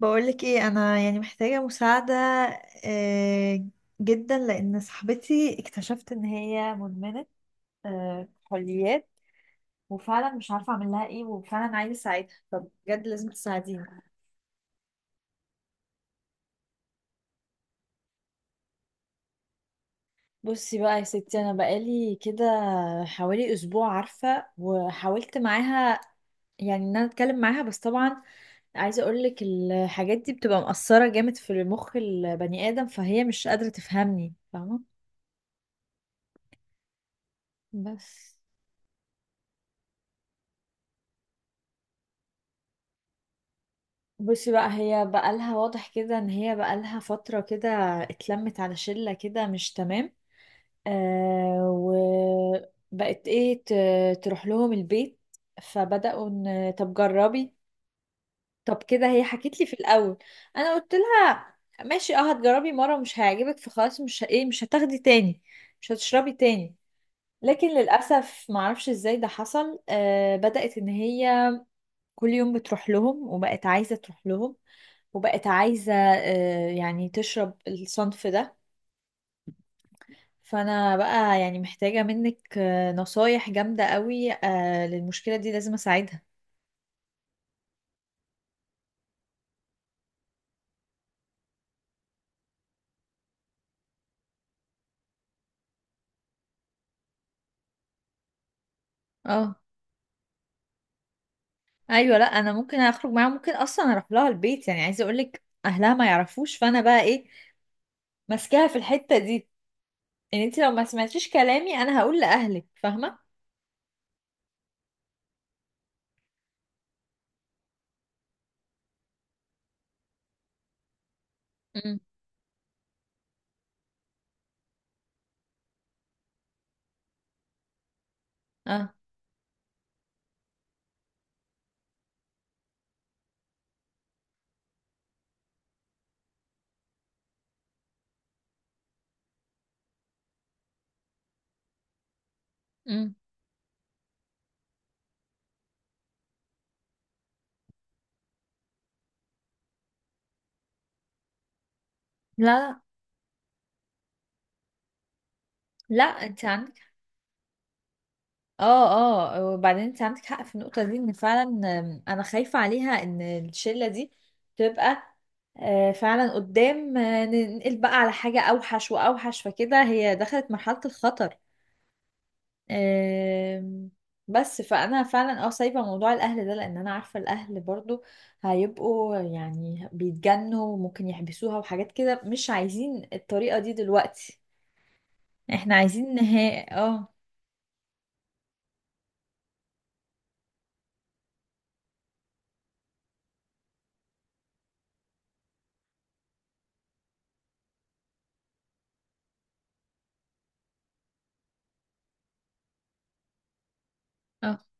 بقولك ايه، انا يعني محتاجة مساعدة آه، جدا لان صاحبتي اكتشفت ان هي مدمنة كحوليات. وفعلا مش عارفة اعمل لها ايه، وفعلا عايزة اساعدها. طب بجد لازم تساعديني. بصي بقى يا ستي، انا بقالي كده حوالي اسبوع عارفه، وحاولت معاها، يعني ان انا اتكلم معاها، بس طبعا عايزه اقولك الحاجات دي بتبقى مأثره جامد في مخ البني ادم، فهي مش قادره تفهمني فاهمه. بس بصي بقى، هي بقالها واضح كده ان هي بقالها فترة كده اتلمت على شلة كده مش تمام. وبقت ايه تروح لهم البيت، فبدأوا ان طب جربي. طب كده هي حكت لي في الاول. انا قلت لها ماشي، اه، هتجربي مرة مش هيعجبك، فخلاص مش ه- ايه مش هتاخدي تاني، مش هتشربي تاني. لكن للأسف معرفش ازاي ده حصل. بدأت ان هي كل يوم بتروح لهم، وبقت عايزة تروح لهم، وبقت عايزة يعني تشرب الصنف ده. فأنا بقى يعني محتاجة منك نصايح جامدة قوي للمشكلة دي. لازم أساعدها. اه، أيوة، لأ، أنا ممكن أخرج معاها، ممكن أصلا أروح لها البيت. يعني عايزة أقولك أهلها ما يعرفوش، فأنا بقى إيه ماسكاها في الحتة دي، إن أنت لو ما سمعتيش كلامي أنا هقول لأهلك، فاهمة؟ امم. اه. امم. لا، لا، لا، انت عندك. اه، اه، وبعدين انت عندك حق في النقطة دي، ان فعلا انا خايفة عليها ان الشلة دي تبقى فعلا قدام، ننقل بقى على حاجة اوحش واوحش، فكده هي دخلت مرحلة الخطر. آم، بس فانا فعلا سايبة موضوع الاهل ده، لان انا عارفة الاهل برضو هيبقوا يعني بيتجنوا، وممكن يحبسوها وحاجات كده. مش عايزين الطريقة دي دلوقتي، احنا عايزين نهاية. اه. اه،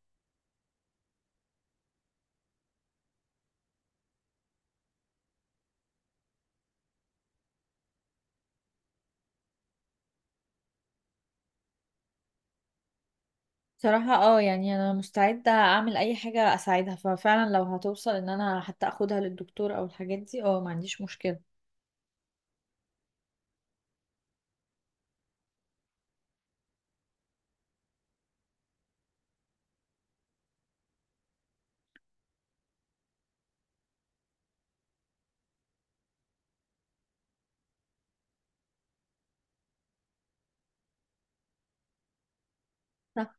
صراحة يعني انا مستعدة اعمل اي حاجة اساعدها، ففعلا لو هتوصل ان انا حتى اخدها للدكتور او الحاجات دي ما عنديش مشكلة. صح.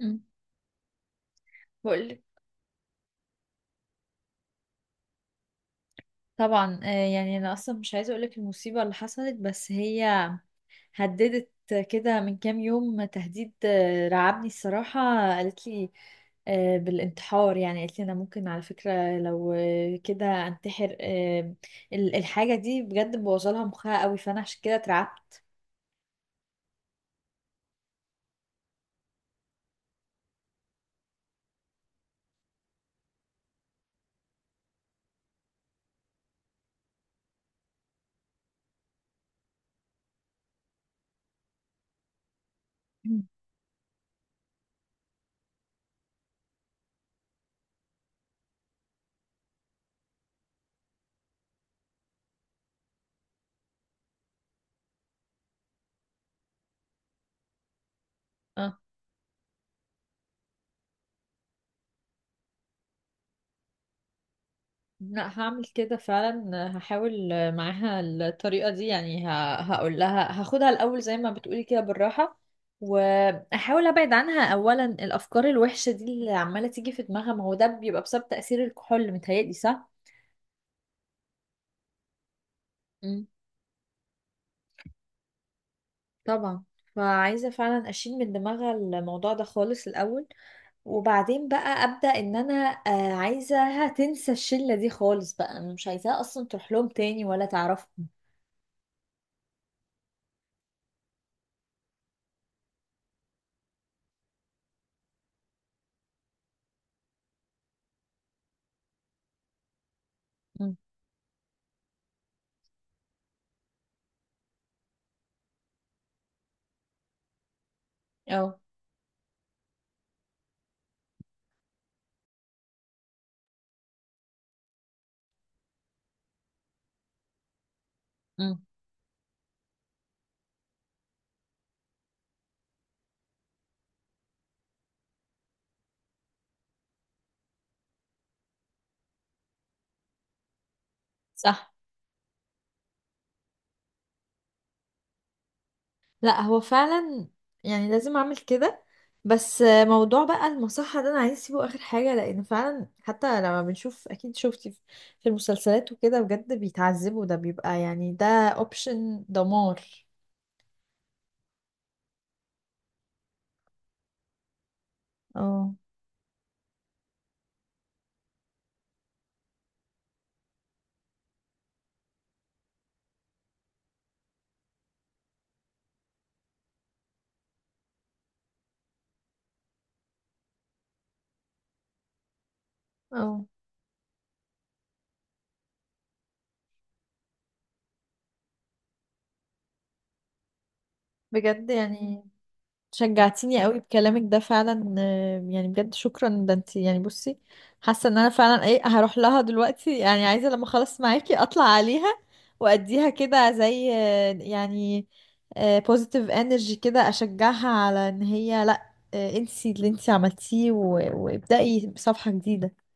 امم بقولك طبعا، يعني انا اصلا مش عايزة اقولك المصيبة اللي حصلت، بس هي هددت كده من كام يوم تهديد رعبني الصراحة. قالت لي بالانتحار، يعني قالت لي انا ممكن على فكرة لو كده انتحر. الحاجة دي بجد مبوظة لها مخها قوي، فانا عشان كده اترعبت. لا، هعمل كده فعلا، هحاول معاها الطريقة دي. يعني هقول لها هاخدها الأول زي ما بتقولي كده بالراحة، وأحاول أبعد عنها أولا الأفكار الوحشة دي اللي عمالة تيجي في دماغها. ما هو ده بيبقى بسبب تأثير الكحول، متهيألي صح؟ مم. طبعا. فعايزة فعلا أشيل من دماغها الموضوع ده خالص الأول، وبعدين بقى أبدأ إن أنا عايزاها تنسى الشلة دي خالص بقى، أنا مش عايزاها أصلا تروح لهم تاني ولا تعرفهم. مم. أو. مم. صح. لا هو فعلا يعني لازم اعمل كده. بس موضوع بقى المصحة ده انا عايز اسيبه اخر حاجة، لان فعلا حتى لما بنشوف اكيد شفتي في المسلسلات وكده بجد بيتعذبوا، ده بيبقى يعني ده اوبشن دمار. اه. اه، بجد يعني شجعتيني قوي بكلامك ده فعلا، يعني بجد شكرا. ده انت، يعني بصي، حاسه ان انا فعلا ايه هروح لها دلوقتي، يعني عايزه لما اخلص معاكي اطلع عليها، واديها كده زي يعني بوزيتيف انرجي كده، اشجعها على ان هي لا، انسي اللي انت عملتيه، وابدأي صفحه جديده.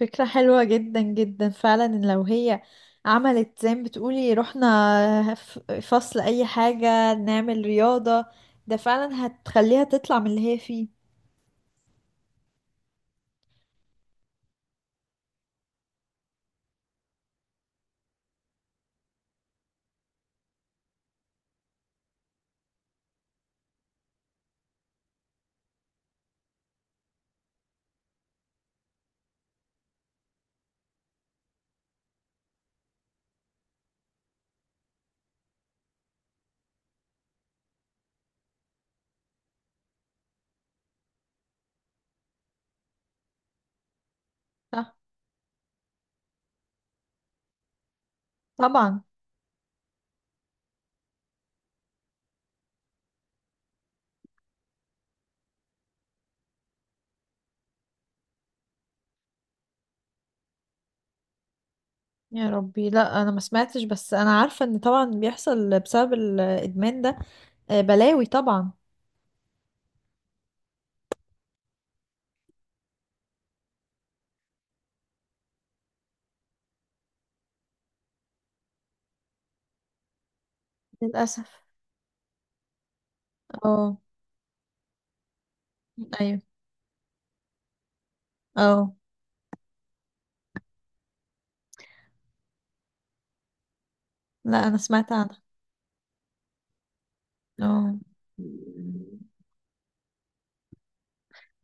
فكرة حلوة جدا جدا فعلا، إن لو هي عملت زي ما بتقولي رحنا فصل أي حاجة، نعمل رياضة. ده فعلا هتخليها تطلع من اللي هي فيه. صح. طبعا. يا ربي، لا أنا ما سمعتش، بس أنا عارفة إن طبعا بيحصل بسبب الإدمان ده بلاوي طبعا. للأسف. اه. أيوه. اه. لا أنا سمعت عنها. اه.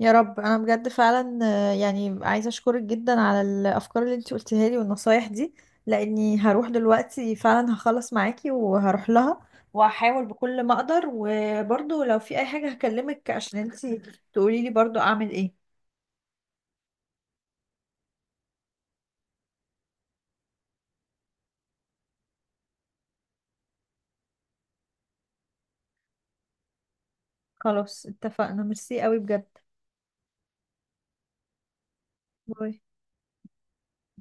يا رب، انا بجد فعلا يعني عايزه اشكرك جدا على الافكار اللي انت قلتها لي والنصايح دي، لاني هروح دلوقتي فعلا، هخلص معاكي وهروح لها، وهحاول بكل ما اقدر. وبرضو لو في اي حاجه هكلمك عشان انت تقولي لي برضو اعمل ايه. خلاص اتفقنا. ميرسي قوي بجد. باي.